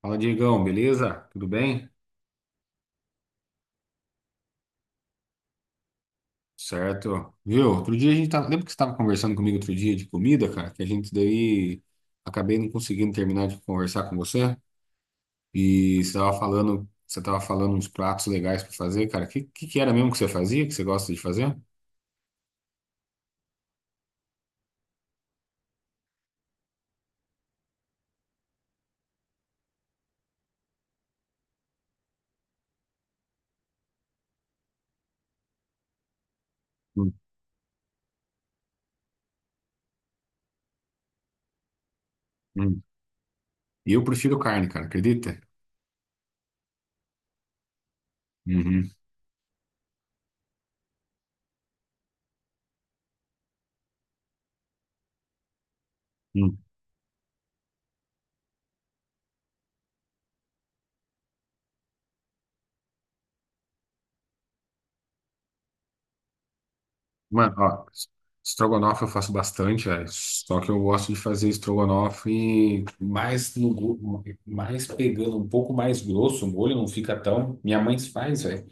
Fala, Diegão, beleza? Tudo bem? Certo. Viu? Outro dia a gente tava. Lembra que você estava conversando comigo outro dia de comida, cara? Que a gente daí acabei não conseguindo terminar de conversar com você. E você tava falando, uns pratos legais para fazer, cara. O que era mesmo que você fazia, que você gosta de fazer? Hum, hum. E eu prefiro carne, cara, acredita? Uhum. Hum. Mano, ó, estrogonofe eu faço bastante, é, só que eu gosto de fazer estrogonofe mais no, go- mais pegando um pouco mais grosso, o molho não fica tão. Minha mãe faz, velho.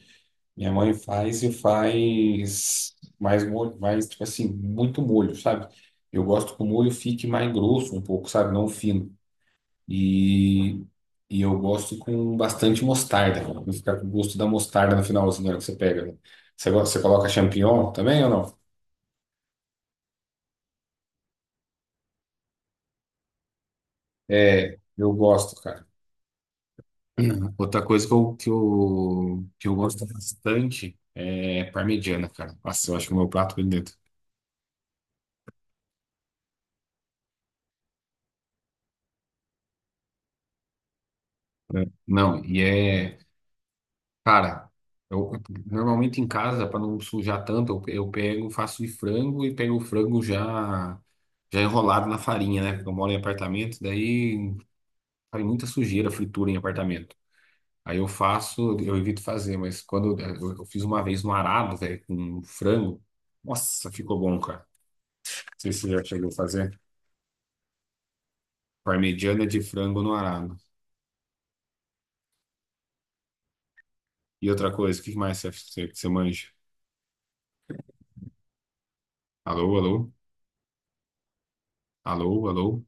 Minha mãe faz e faz mais molho, mais, tipo assim, muito molho, sabe? Eu gosto que o molho fique mais grosso um pouco, sabe? Não fino. E, e eu gosto com bastante mostarda, pra ficar com o gosto da mostarda no finalzinho, na hora que você pega, né? Você, você coloca champignon também ou não? É, eu gosto, cara. Outra coisa que eu gosto bastante é parmegiana, cara. Nossa, eu acho que é o meu prato predileto. É. Não, e é, cara, eu normalmente em casa, para não sujar tanto, eu pego, faço de frango e pego o frango já enrolado na farinha, né? Porque eu moro em apartamento, daí faz muita sujeira, fritura em apartamento. Aí eu faço, eu evito fazer, mas quando eu fiz uma vez no arado, velho, com frango, nossa, ficou bom, cara. Sei se você já chegou a fazer. Parmegiana de frango no arado. E outra coisa, o que mais você manja? Alô, alô? Alô, alô?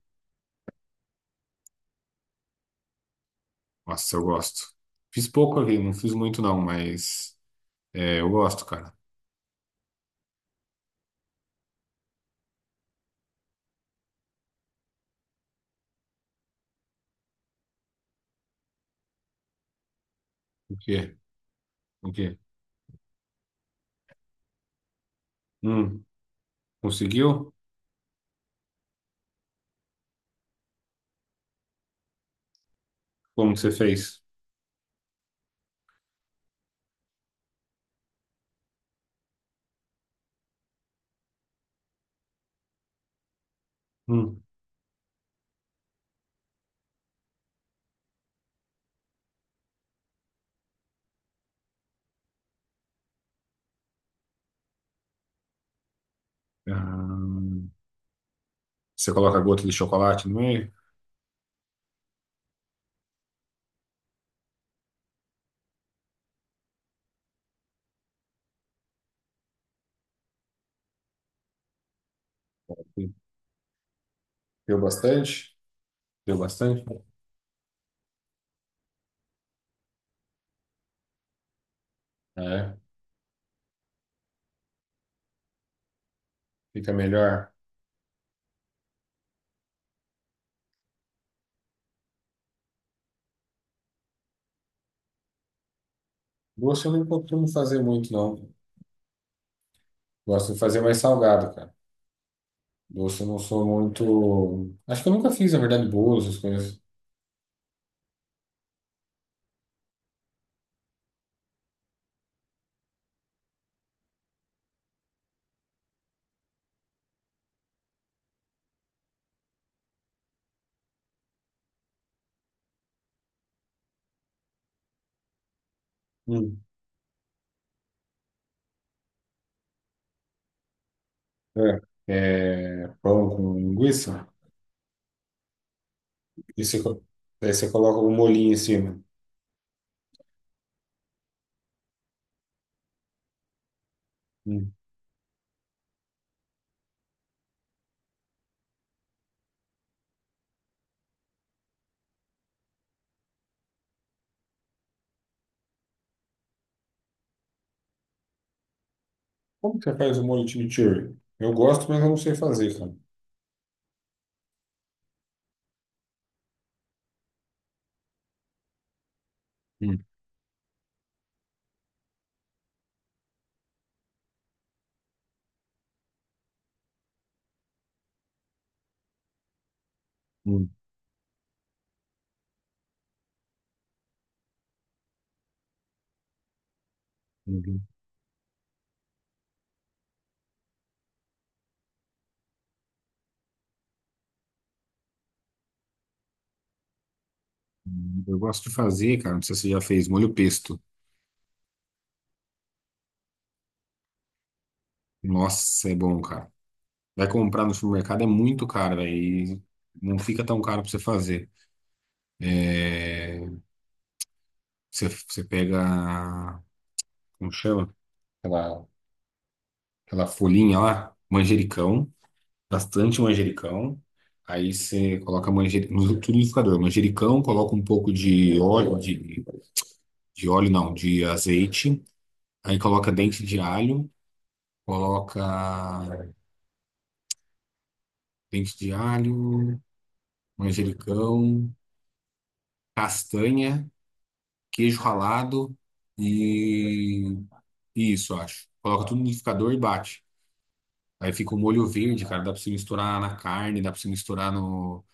Nossa, eu gosto. Fiz pouco aqui, não fiz muito não, mas é, eu gosto, cara. O quê? O quê? Hum, conseguiu? Como que você fez? Hum. Ah, você coloca gota de chocolate no meio? Deu bastante? Deu bastante? É, fica melhor. Gosto eu não costumo fazer muito, não. Gosto de fazer mais salgado, cara. Doce eu não sou muito. Acho que eu nunca fiz, na verdade, bolos, essas coisas. Hum. É, é, pão com linguiça. E você, daí você coloca um molhinho em cima. Hum. Como que você faz o molho chimichurri? Eu gosto, mas eu não sei fazer, cara. Hum, hum, uhum. Eu gosto de fazer, cara. Não sei se você já fez molho pesto. Nossa, é bom, cara. Vai comprar no supermercado é muito caro, velho. E não fica tão caro pra você fazer. É, você, você pega. Como chama? Aquela folhinha lá, manjericão, bastante manjericão. Aí você coloca manjericão no liquidificador, manjericão, coloca um pouco de óleo não, de azeite. Aí coloca dente de alho, coloca dente de alho, manjericão, castanha, queijo ralado e e isso, eu acho. Coloca tudo no liquidificador e bate. Aí fica o molho verde, cara, dá pra você misturar na carne, dá pra você misturar no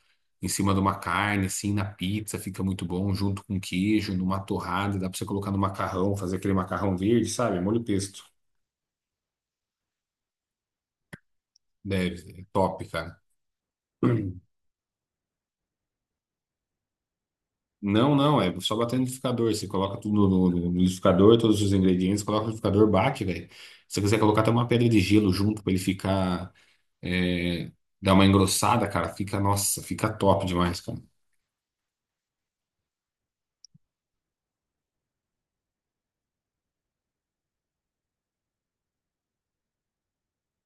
em cima de uma carne, assim, na pizza, fica muito bom, junto com queijo, numa torrada, dá pra você colocar no macarrão, fazer aquele macarrão verde, sabe? Molho pesto. Deve, é top, cara. Não, não, é só bater no liquidificador. Você coloca tudo no liquidificador, todos os ingredientes, coloca no liquidificador, bate, velho. Se você quiser colocar até uma pedra de gelo junto pra ele ficar, é, dar uma engrossada, cara, fica, nossa, fica top demais, cara.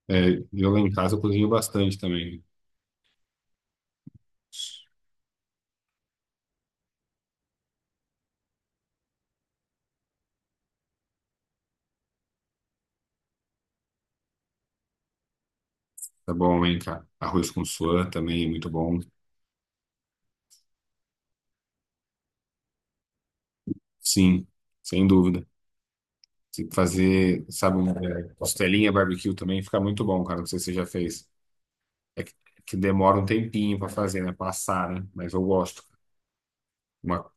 É, eu lá em casa eu cozinho bastante também. Tá bom, hein, cara? Arroz com suã também é muito bom. Sim, sem dúvida. Se fazer, sabe, um, é, costelinha barbecue também fica muito bom, cara. Não sei se você já fez. É que, é que demora um tempinho pra fazer, né? Passar, né? Mas eu gosto. Uma,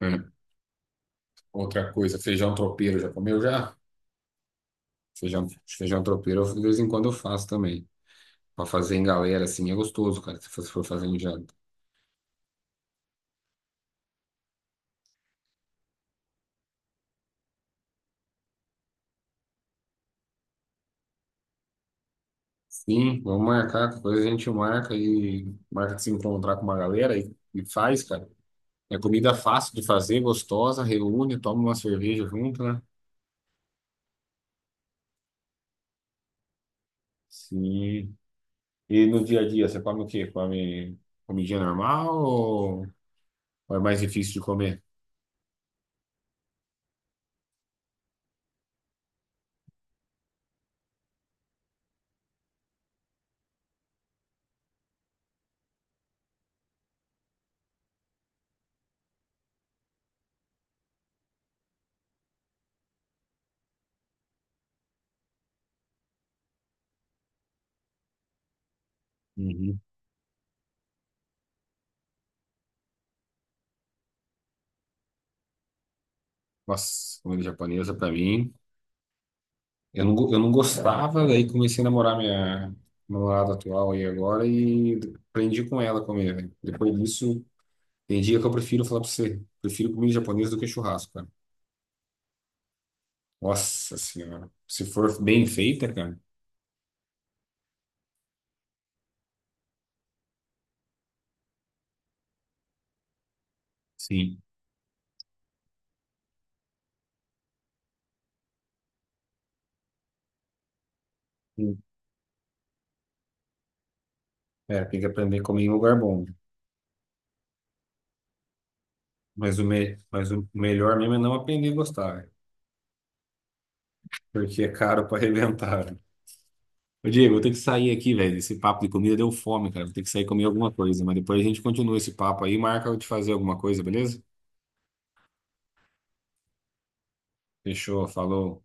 é, outra coisa, feijão tropeiro, já comeu já? Feijão, feijão tropeiro, eu- de vez em quando eu faço também. Pra fazer em galera, assim, é gostoso, cara, se você for fazer em janta. Sim, vamos marcar, depois a gente marca e marca de se encontrar com uma galera e faz, cara. É comida fácil de fazer, gostosa, reúne, toma uma cerveja junto, né? Sim. E no dia a dia, você come o quê? Come comidinha normal ou é mais difícil de comer? Uhum. Nossa, comida japonesa pra mim. Eu não, eu não gostava, daí comecei a namorar minha namorada atual aí agora e aprendi com ela a comer, velho. Depois disso, tem dia que eu prefiro falar pra você, prefiro comida japonesa do que churrasco, cara. Nossa senhora. Se for bem feita, cara. Sim. É, tem que aprender a comer em lugar bom. Mas o, me... Mas o melhor mesmo é não aprender a gostar, porque é caro pra arrebentar. Ô, Diego, eu tenho que sair aqui, velho. Esse papo de comida deu fome, cara. Vou ter que sair e comer alguma coisa. Mas depois a gente continua esse papo aí e marca eu te fazer alguma coisa, beleza? Fechou, falou.